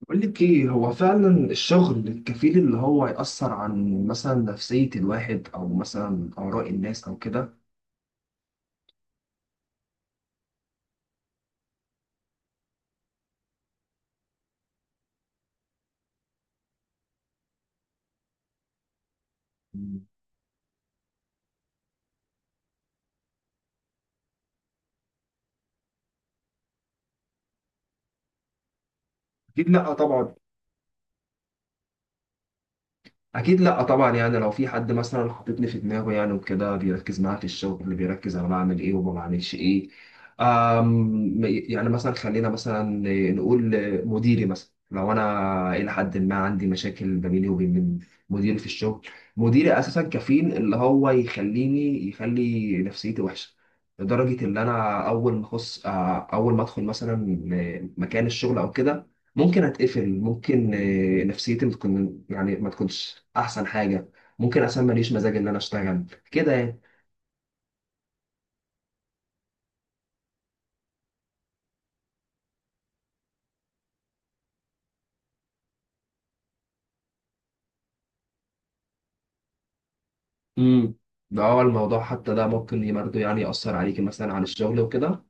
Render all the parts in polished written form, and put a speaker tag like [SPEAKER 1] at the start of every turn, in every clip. [SPEAKER 1] بقول لك ايه هو فعلا الشغل الكفيل اللي هو يأثر عن مثلا نفسية الواحد او مثلا آراء الناس او كده؟ أكيد لا طبعا. اكيد لا طبعا، يعني لو في حد مثلا حاططني في دماغه يعني وكده بيركز معايا في الشغل، اللي بيركز انا بعمل ايه وما بعملش ايه. يعني مثلا خلينا مثلا نقول مديري، مثلا لو انا الى حد ما عندي مشاكل ما بيني وبين مديري في الشغل، مديري اساسا كفيل اللي هو يخليني، يخلي نفسيتي وحشه لدرجه ان انا اول ما اخص آه، اول ما ادخل مثلا مكان الشغل او كده ممكن اتقفل، ممكن نفسيتي بتكون يعني ما تكونش احسن حاجه، ممكن اصلا ماليش مزاج ان انا اشتغل كده يعني. امم ده هو الموضوع، حتى ده ممكن برضه يعني يأثر عليكي مثلا على الشغل وكده.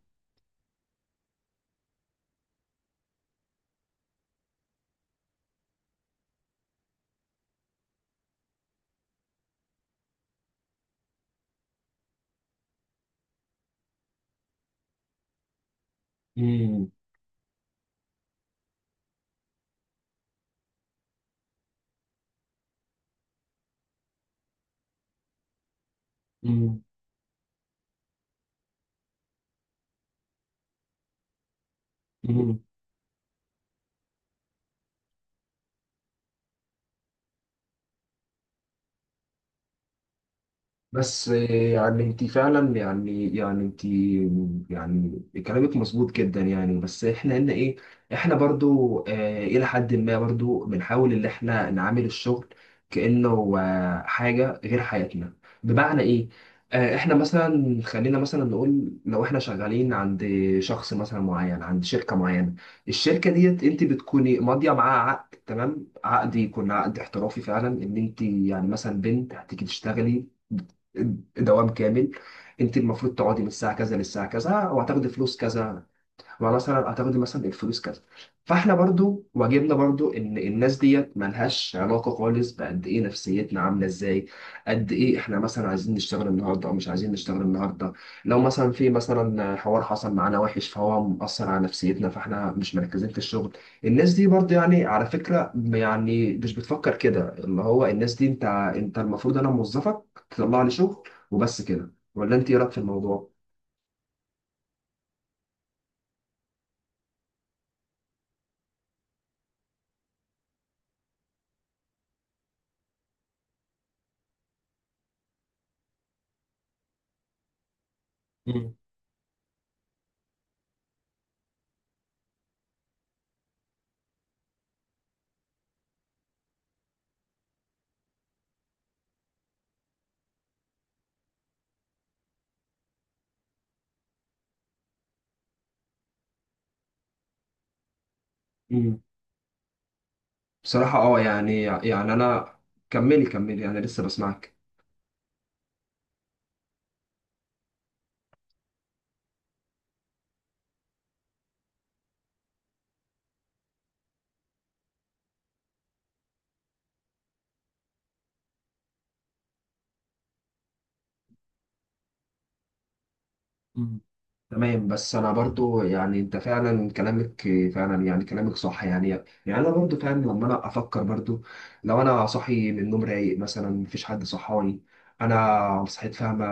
[SPEAKER 1] امم بس يعني انت فعلا، يعني انت يعني كلامك مظبوط جدا يعني، بس احنا هنا ايه، احنا برضو الى حد ما برضو بنحاول ان احنا نعامل الشغل كأنه حاجة غير حياتنا. بمعنى ايه؟ اه احنا مثلا خلينا مثلا نقول لو احنا شغالين عند شخص مثلا معين، عند شركة معينة، الشركة ديت انت بتكوني ماضية معاها عقد، تمام. عقد يكون عقد احترافي فعلا ان انت يعني مثلا بنت هتيجي تشتغلي دوام كامل، انت المفروض تقعدي من الساعه كذا للساعه كذا وهتاخدي فلوس كذا، ما مثلا هتاخدي مثلا الفلوس كذا. فاحنا برضو واجبنا برضو ان الناس ديت ملهاش علاقه خالص بقد ايه نفسيتنا عامله ازاي، قد ايه احنا مثلا عايزين نشتغل النهارده او مش عايزين نشتغل النهارده. لو مثلا في مثلا حوار حصل معانا وحش فهو مأثر على نفسيتنا فاحنا مش مركزين في الشغل، الناس دي برضو يعني على فكره يعني مش بتفكر كده، اللي هو الناس دي انت المفروض انا موظفك تطلع لي شغل وبس كده. ولا انت ايه رايك في الموضوع؟ مم. بصراحة يعني انا. كملي كملي انا لسه بسمعك. مم. تمام، بس انا برضو يعني انت فعلا كلامك فعلا يعني كلامك صح يعني انا برضو فعلا لما انا افكر برضو، لو انا صاحي من النوم رايق مثلا مفيش حد صحاني انا صحيت فاهمة،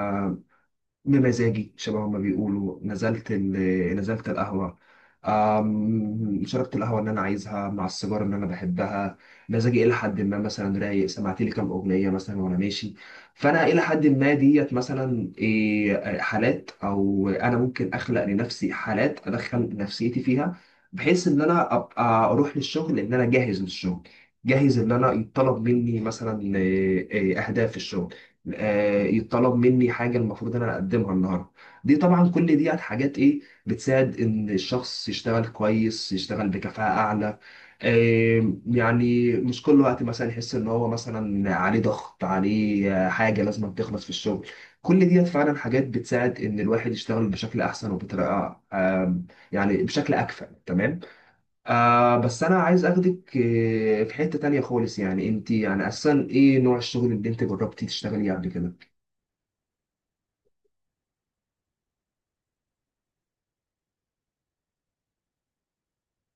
[SPEAKER 1] بمزاجي شبه ما بيقولوا نزلت القهوة، شربت القهوة اللي أنا عايزها مع السيجارة اللي أنا بحبها، مزاجي إلى حد ما مثلا رايق، سمعت لي كام أغنية مثلا وأنا ماشي، فأنا إلى حد ما ديت مثلا حالات، أو أنا ممكن أخلق لنفسي حالات أدخل نفسيتي فيها بحيث إن أنا أبقى أروح للشغل، إن أنا جاهز للشغل، جاهز إن أنا يطلب مني مثلا إيه، إيه، أهداف في الشغل، يتطلب مني حاجه المفروض ان انا اقدمها النهارده. دي طبعا كل دي حاجات ايه بتساعد ان الشخص يشتغل كويس، يشتغل بكفاءه اعلى، يعني مش كل وقت مثلا يحس ان هو مثلا عليه ضغط، عليه حاجه لازم تخلص في الشغل. كل ديت فعلا حاجات بتساعد ان الواحد يشتغل بشكل احسن وبطريقه يعني بشكل اكفأ تمام. بس انا عايز اخدك في حتة تانية خالص. يعني انت يعني اصلا ايه نوع الشغل اللي انت جربتي تشتغلي قبل كده؟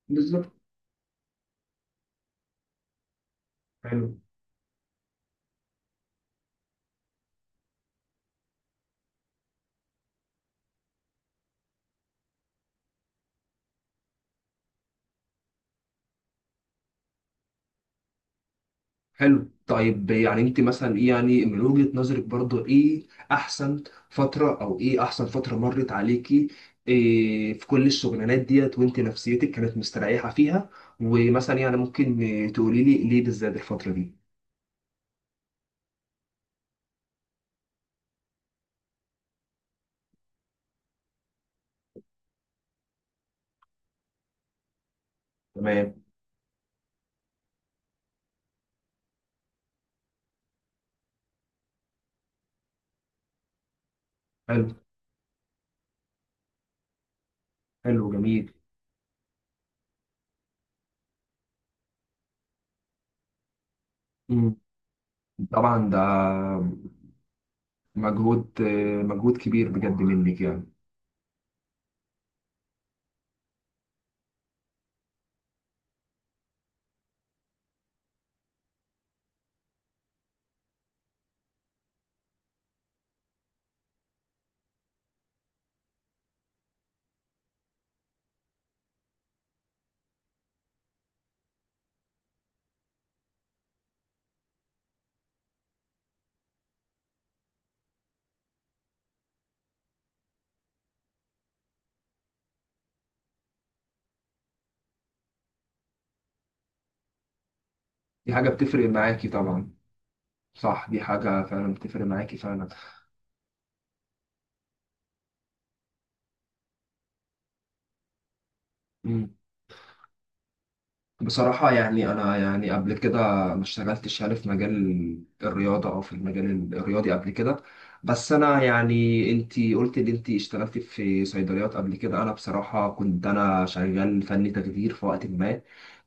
[SPEAKER 1] بالظبط. حلو. حلو. طيب يعني انت مثلا ايه، يعني من وجهة نظرك برضو ايه احسن فترة، او ايه احسن فترة مرت عليكي إيه في كل الشغلانات ديت وانت نفسيتك كانت مستريحة فيها، ومثلا يعني ممكن تقولي لي ليه بالذات الفترة دي؟ تمام. حلو. حلو جميل. مم. طبعا ده مجهود كبير بجد منك يعني. دي حاجة بتفرق معاكي طبعا. صح، دي حاجة فعلا بتفرق معاكي فعلا. بصراحة يعني أنا يعني قبل كده ما اشتغلتش يعني في مجال الرياضة أو في المجال الرياضي قبل كده، بس أنا يعني أنتي قلت إن أنتي اشتغلتي في صيدليات قبل كده. أنا بصراحة كنت أنا شغال فني تخدير في وقت ما،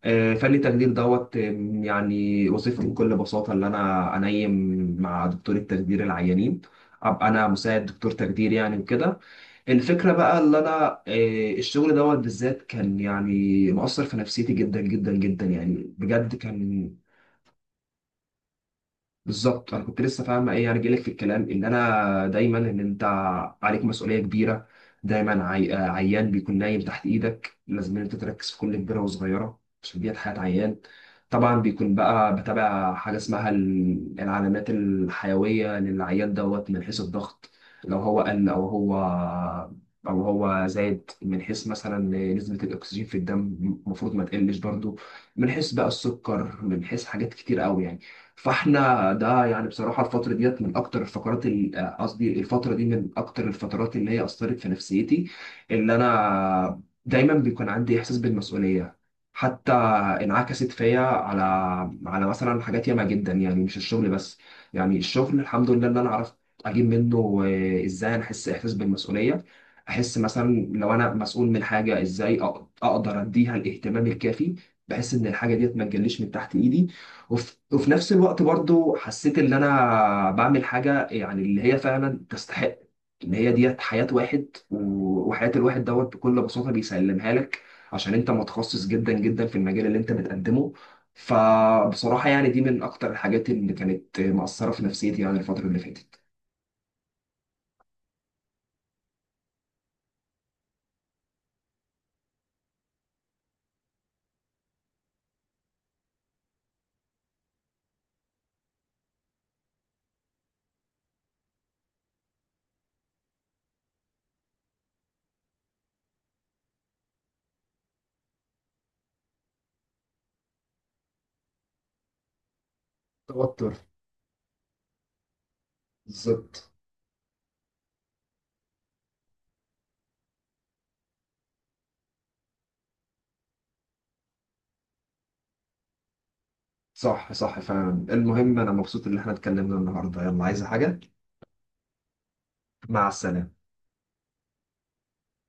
[SPEAKER 1] فني التخدير دوت يعني وظيفتي بكل بساطة اللي أنا أنيم مع دكتور التخدير العيانين، أبقى أنا مساعد دكتور تخدير يعني وكده. الفكرة بقى اللي أنا آه، الشغل دوت بالذات كان يعني مؤثر في نفسيتي جدا جدا جدا يعني بجد كان. بالظبط، انا كنت لسه فاهم ايه يعني جايلك في الكلام ان انا دايما ان انت عليك مسؤوليه كبيره. دايما عي... آه، عيان بيكون نايم تحت ايدك، لازم إن انت تركز في كل كبيره وصغيره عشان ديت حياه عيان. طبعا بيكون بقى بتابع حاجه اسمها العلامات الحيويه للعيان دوت، من حيث الضغط لو هو قل او هو، زاد، من حيث مثلا نسبه الاكسجين في الدم المفروض ما تقلش برضو، من حيث بقى السكر، من حيث حاجات كتير قوي يعني. فاحنا ده يعني بصراحه الفتره ديت من اكتر الفقرات، ال- آه، قصدي الفتره دي من اكتر الفترات اللي هي اثرت في نفسيتي، اللي انا دايما بيكون عندي احساس بالمسؤوليه، حتى انعكست فيا على مثلا حاجات ياما جدا يعني، مش الشغل بس. يعني الشغل الحمد لله اللي انا عرفت اجيب منه ازاي انا احس احساس بالمسؤوليه، احس مثلا لو انا مسؤول من حاجه ازاي اقدر اديها الاهتمام الكافي بحيث ان الحاجه ديت ما تجليش من تحت ايدي. وفي نفس الوقت برضو حسيت ان انا بعمل حاجه يعني اللي هي فعلا تستحق ان هي ديت حياه واحد، وحياه الواحد دوت بكل بساطه بيسلمها لك عشان انت متخصص جدا جدا في المجال اللي انت بتقدمه. فبصراحه يعني دي من اكتر الحاجات اللي كانت مأثره في نفسيتي يعني الفتره اللي فاتت. توتر. بالظبط. صح، صح فعلا. المهم انا مبسوط ان احنا اتكلمنا النهارده. يلا عايزه حاجه؟ مع السلامه.